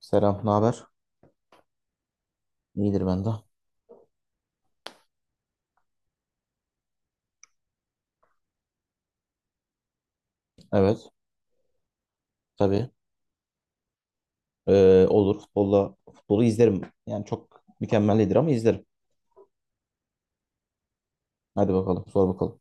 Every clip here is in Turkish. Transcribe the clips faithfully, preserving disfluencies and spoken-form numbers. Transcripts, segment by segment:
Selam, ne haber? İyidir ben de. Evet, tabii. Ee, olur. Futbolla, futbolu izlerim. Yani çok mükemmel değildir ama izlerim. Hadi bakalım, sor bakalım.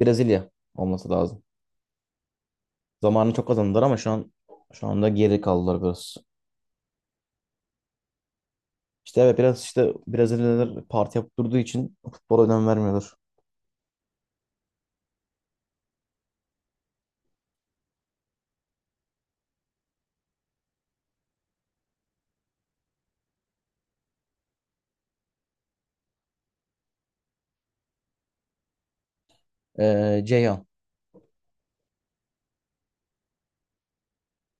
Brezilya olması lazım. Zamanını çok kazandılar ama şu an şu anda geri kaldılar biraz. İşte evet biraz işte Brezilyalılar parti yapıp durduğu için futbola önem vermiyorlar. Ee, Ceyhan.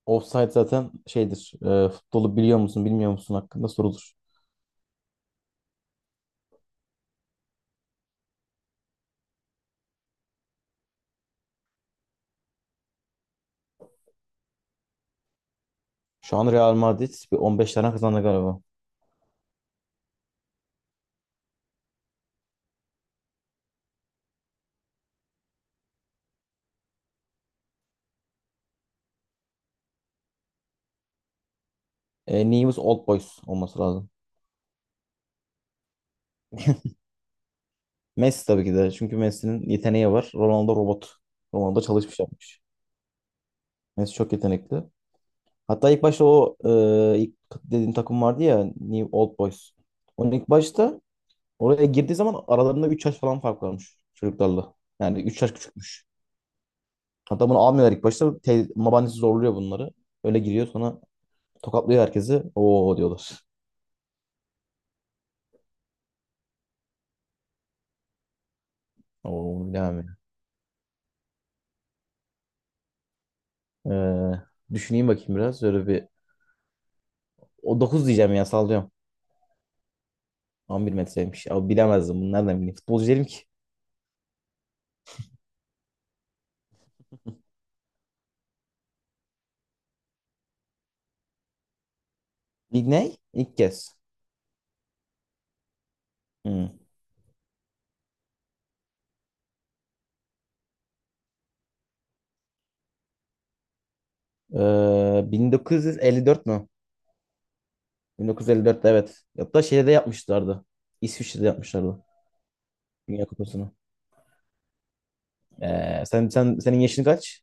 Offside zaten şeydir. Ee, futbolu biliyor musun, bilmiyor musun hakkında sorulur. Şu an Real Madrid bir on beş tane kazandı galiba. E, neyimiz Old Boys olması lazım. Messi tabii ki de. Çünkü Messi'nin yeteneği var. Ronaldo robot. Ronaldo çalışmış yapmış. Messi çok yetenekli. Hatta ilk başta o e, ilk dediğim takım vardı ya New Old Boys. Onun ilk başta oraya girdiği zaman aralarında üç yaş falan fark varmış çocuklarla. Yani üç yaş küçükmüş. Hatta bunu almıyorlar ilk başta. Te- babaannesi zorluyor bunları. Öyle giriyor sonra tokatlıyor herkesi. Oo diyorlar. Oo, bilemem ya. Ee, düşüneyim bakayım biraz. Öyle bir... O dokuz diyeceğim ya sallıyorum. On bir metreymiş. Abi bilemezdim. Bunu nereden bileyim? Futbolcu değilim ki. İlk ne? İlk kez. Hmm. Ee, bin dokuz yüz elli dört mü? bin dokuz yüz elli dörtte evet. Hatta şeyde de yapmışlardı. İsviçre'de yapmışlardı. Dünya Kupası'nı. Ee, sen, sen, senin yaşın kaç?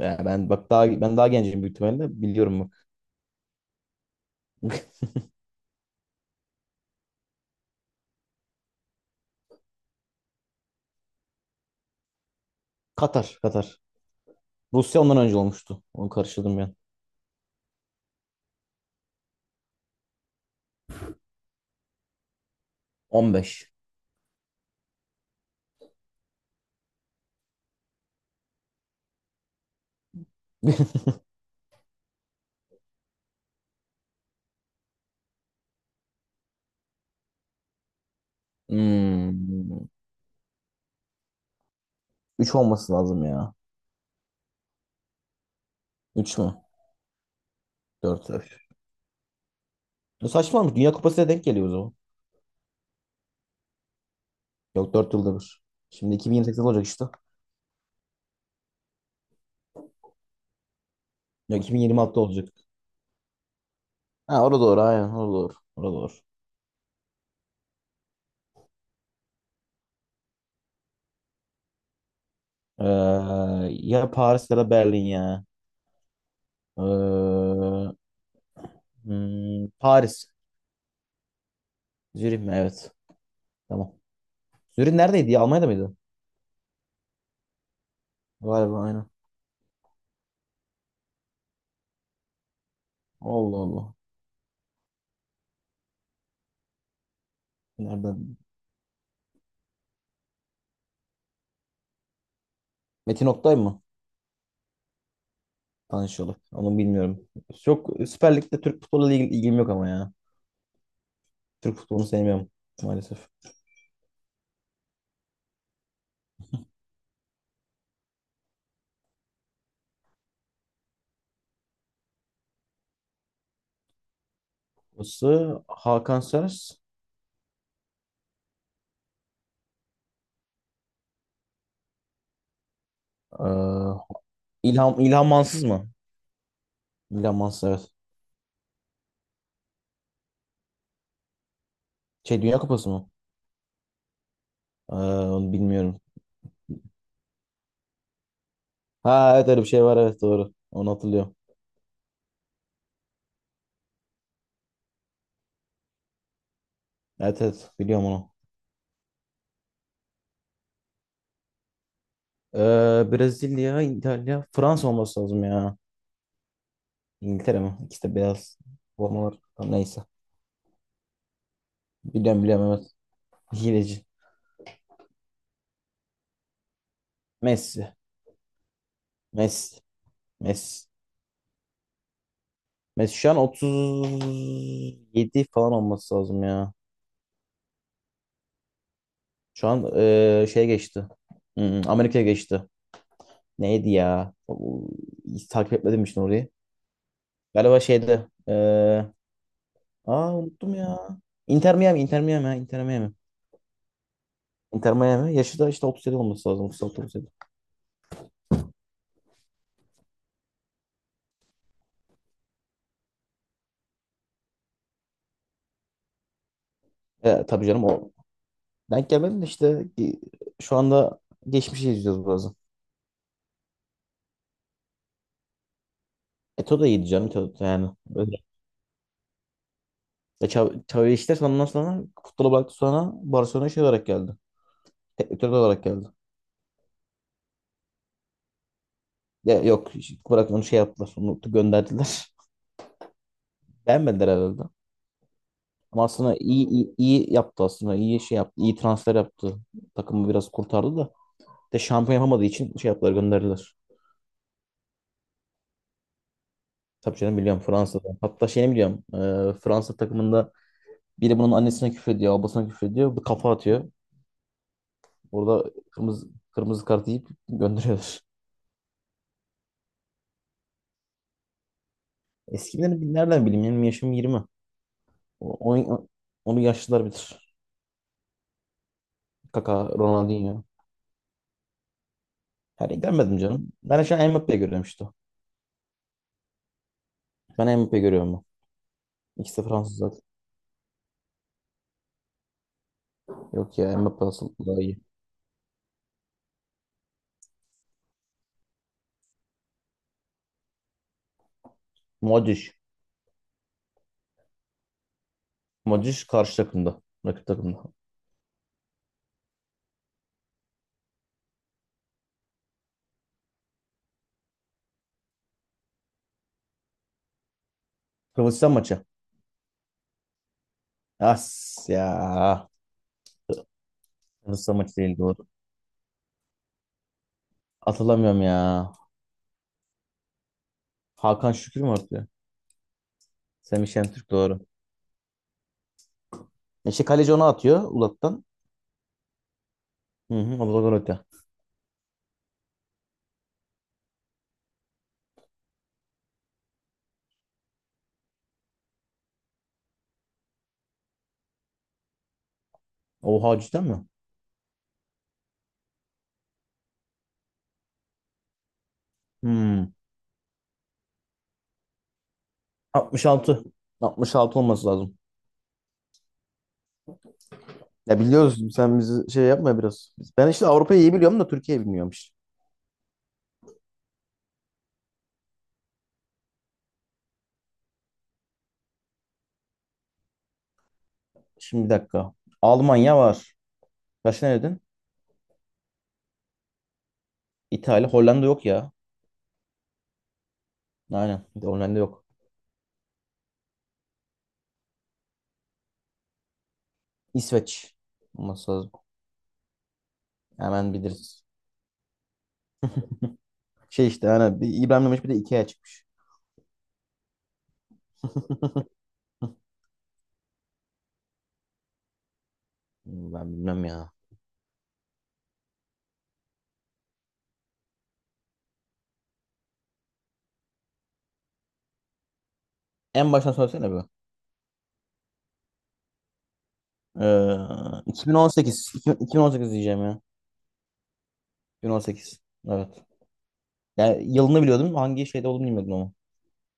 Ee, ben bak daha ben daha gencim büyük ihtimalle. Biliyorum bak. Katar, Katar. Rusya ondan önce olmuştu. Onu karıştırdım ben. on beş. Hmm. Üç olması lazım ya. üç mü? dört. Bu saçmalamış. Dünya Kupası'na denk geliyor o zaman. Yok dört yılda bir. Şimdi iki bin yirmi sekiz olacak işte. Yok iki bin yirmi altı olacak. Ha orada doğru aynen orada doğru. Orada doğru. Ee, ya Paris ya da Berlin ya. Ee, hmm, Paris. Zürih mi? Evet. Tamam. Zürih neredeydi ya? Almanya'da mıydı? Galiba aynen. Allah Allah. Nereden? Metin Oktay mı? Tanışıyorlar. Onu bilmiyorum. Çok Süper Lig'de Türk futbolu ilgim, ilgim yok ama ya. Türk futbolunu sevmiyorum maalesef. Burası Hakan Sers. Ee, İlham, İlham Mansız mı? İlham Mansız evet. Şey Dünya Kupası mı? Ee, onu bilmiyorum. Ha evet öyle bir şey var evet doğru. Onu hatırlıyorum. Evet evet biliyorum onu. Ee, Brezilya, İtalya, Fransa olması lazım ya. İngiltere mi? İkisi de beyaz formalar. Tamam, neyse. Biliyorum biliyorum evet. Hileci. Messi. Messi. Messi. Messi şu an otuz yedi falan olması lazım ya. Şu an ee, şey geçti. Hmm, Amerika'ya geçti. Neydi ya? O- Hiç takip etmedim işte orayı. Galiba şeydi. Ee, aa Unuttum ya. Inter Miami, Inter Miami, ha, Inter Miami. Inter Miami. Yaşı da işte otuz yedi olması lazım. otuz altı otuz yedi. E, tabii canım o. Denk gelmedim de işte e, şu anda geçmişi izliyoruz biraz. Eto da iyiydi canım. Eto, yani. Öyle. E, Xav- Xavi işte ondan sonra futbola bıraktı sonra Barcelona şey olarak geldi. Teknik direktör olarak geldi. Ya, yok bırakın onu şey yaptılar. Onu gönderdiler. Beğenmediler herhalde. Ama aslında iyi, iyi, iyi yaptı aslında. İyi şey yaptı. İyi transfer yaptı. Takımı biraz kurtardı da. De şampiyon yapamadığı için şey yaptılar gönderdiler. Tabii canım biliyorum Fransa'da. Hatta şeyini biliyorum. e, Fransa takımında biri bunun annesine küfrediyor, babasına küfrediyor. Bu kafa atıyor. Orada kırmızı kırmızı kart yiyip gönderiyorlar. Eskileri bil- nereden bileyim? Benim yaşım yirmi O- Onu, onu yaşlılar bilir. Kaka, Ronaldinho. Her görmedim canım. Ben şu an Mbappe'yi görüyorum işte. Ben Mbappe'yi görüyorum ben. İkisi de Fransız zaten. Yok ya Mbappe asıl daha iyi. Modric. Modric karşı takımda. Rakip takımda. Hırvatistan maçı. As ya. Hırvatistan maçı değil doğru. Atılamıyorum ya. Hakan Şükür mü atıyor? Semih Şentürk doğru. İşte kaleci onu atıyor Ulat'tan. Hı hı, o da gol atıyor. Oha cidden mi? Hmm. altmış altı. altmış altı olması lazım. Ya biliyoruz sen bizi şey yapma biraz. Ben işte Avrupa'yı iyi biliyorum da Türkiye'yi bilmiyorum işte. Şimdi bir dakika. Almanya var. Kaç ne dedin? İtalya, Hollanda yok ya. Aynen. Bir de Hollanda yok. İsveç olması lazım. Hemen biliriz. Şey işte hani bir İbrahim Demiş bir de Ikea çıkmış. Hmm, Ben bilmem ya. En baştan söylesene bu. Ee, iki bin on sekiz. iki bin on sekiz diyeceğim ya. iki bin on sekiz. Evet. Yani yılını biliyordum. Hangi şeyde olduğunu bilmiyordum ama.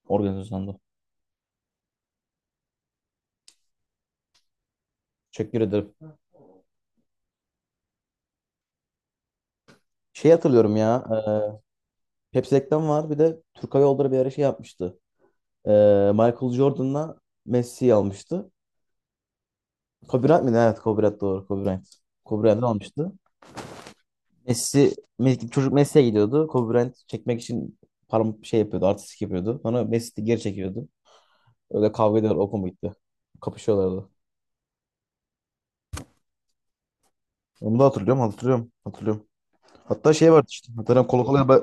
Organizasyonda. Teşekkür ederim. Şey hatırlıyorum ya. E, Pepsi reklam var. Bir de Türk Hava Yolları bir ara şey yapmıştı. E, Michael Jordan'la Messi'yi almıştı. Kobe Bryant mıydı? Evet Kobe Bryant doğru. Kobe Bryant. Kobe Bryant'ı almıştı. Messi, Messi- çocuk Messi'ye gidiyordu. Kobe Bryant çekmek için param şey yapıyordu. Artistik yapıyordu. Sonra Messi de geri çekiyordu. Öyle kavga ediyorlar. O mu gitti? Kapışıyorlardı. Onu da hatırlıyorum. Hatırlıyorum. Hatırlıyorum. Hatta şey vardı işte. Hatırlıyorum. Kolo Kolo'ya ben...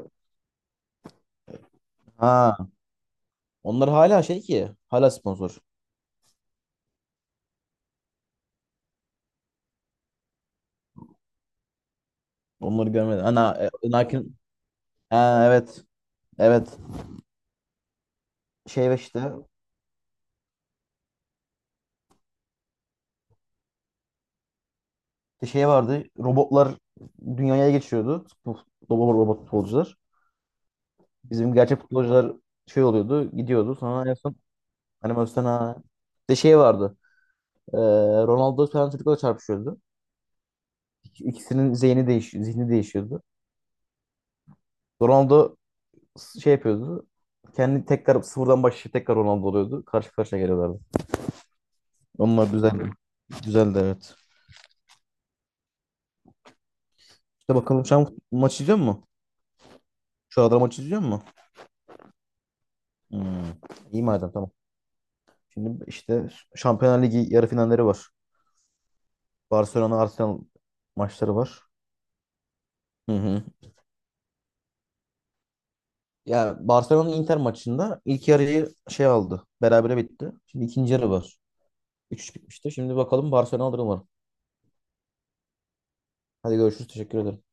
Ha. Onlar hala şey ki. Hala sponsor. Onları görmedim. Ana, e, Nike'ın... Ha, evet. Evet. Şey ve işte. Şey vardı. Robotlar dünyaya geçiyordu. Bu robot, robot futbolcular. Bizim gerçek futbolcular şey oluyordu, gidiyordu. Sonra en son animasyon ha. Bir de şey vardı. Ee, Ronaldo falan çocukla çarpışıyordu. İk- İkisinin zihni değiş zihni değişiyordu. Ronaldo s- şey yapıyordu. Kendi tekrar sıfırdan başlayıp tekrar Ronaldo oluyordu. Karşı karşıya geliyorlardı. Onlar düzeldi. Güzeldi evet. İşte bakalım şu an fut- maç izliyor musun? Şu arada maç izliyor musun? Hmm. İyi madem tamam. Şimdi işte Şampiyonlar Ligi yarı finalleri var. Barcelona Arsenal maçları var. Hı hı. Ya Barcelona Inter maçında ilk yarıyı şey aldı. Berabere bitti. Şimdi ikinci yarı var. üç üç bitmişti. Şimdi bakalım Barcelona alır umarım. Hadi görüşürüz. Teşekkür ederim.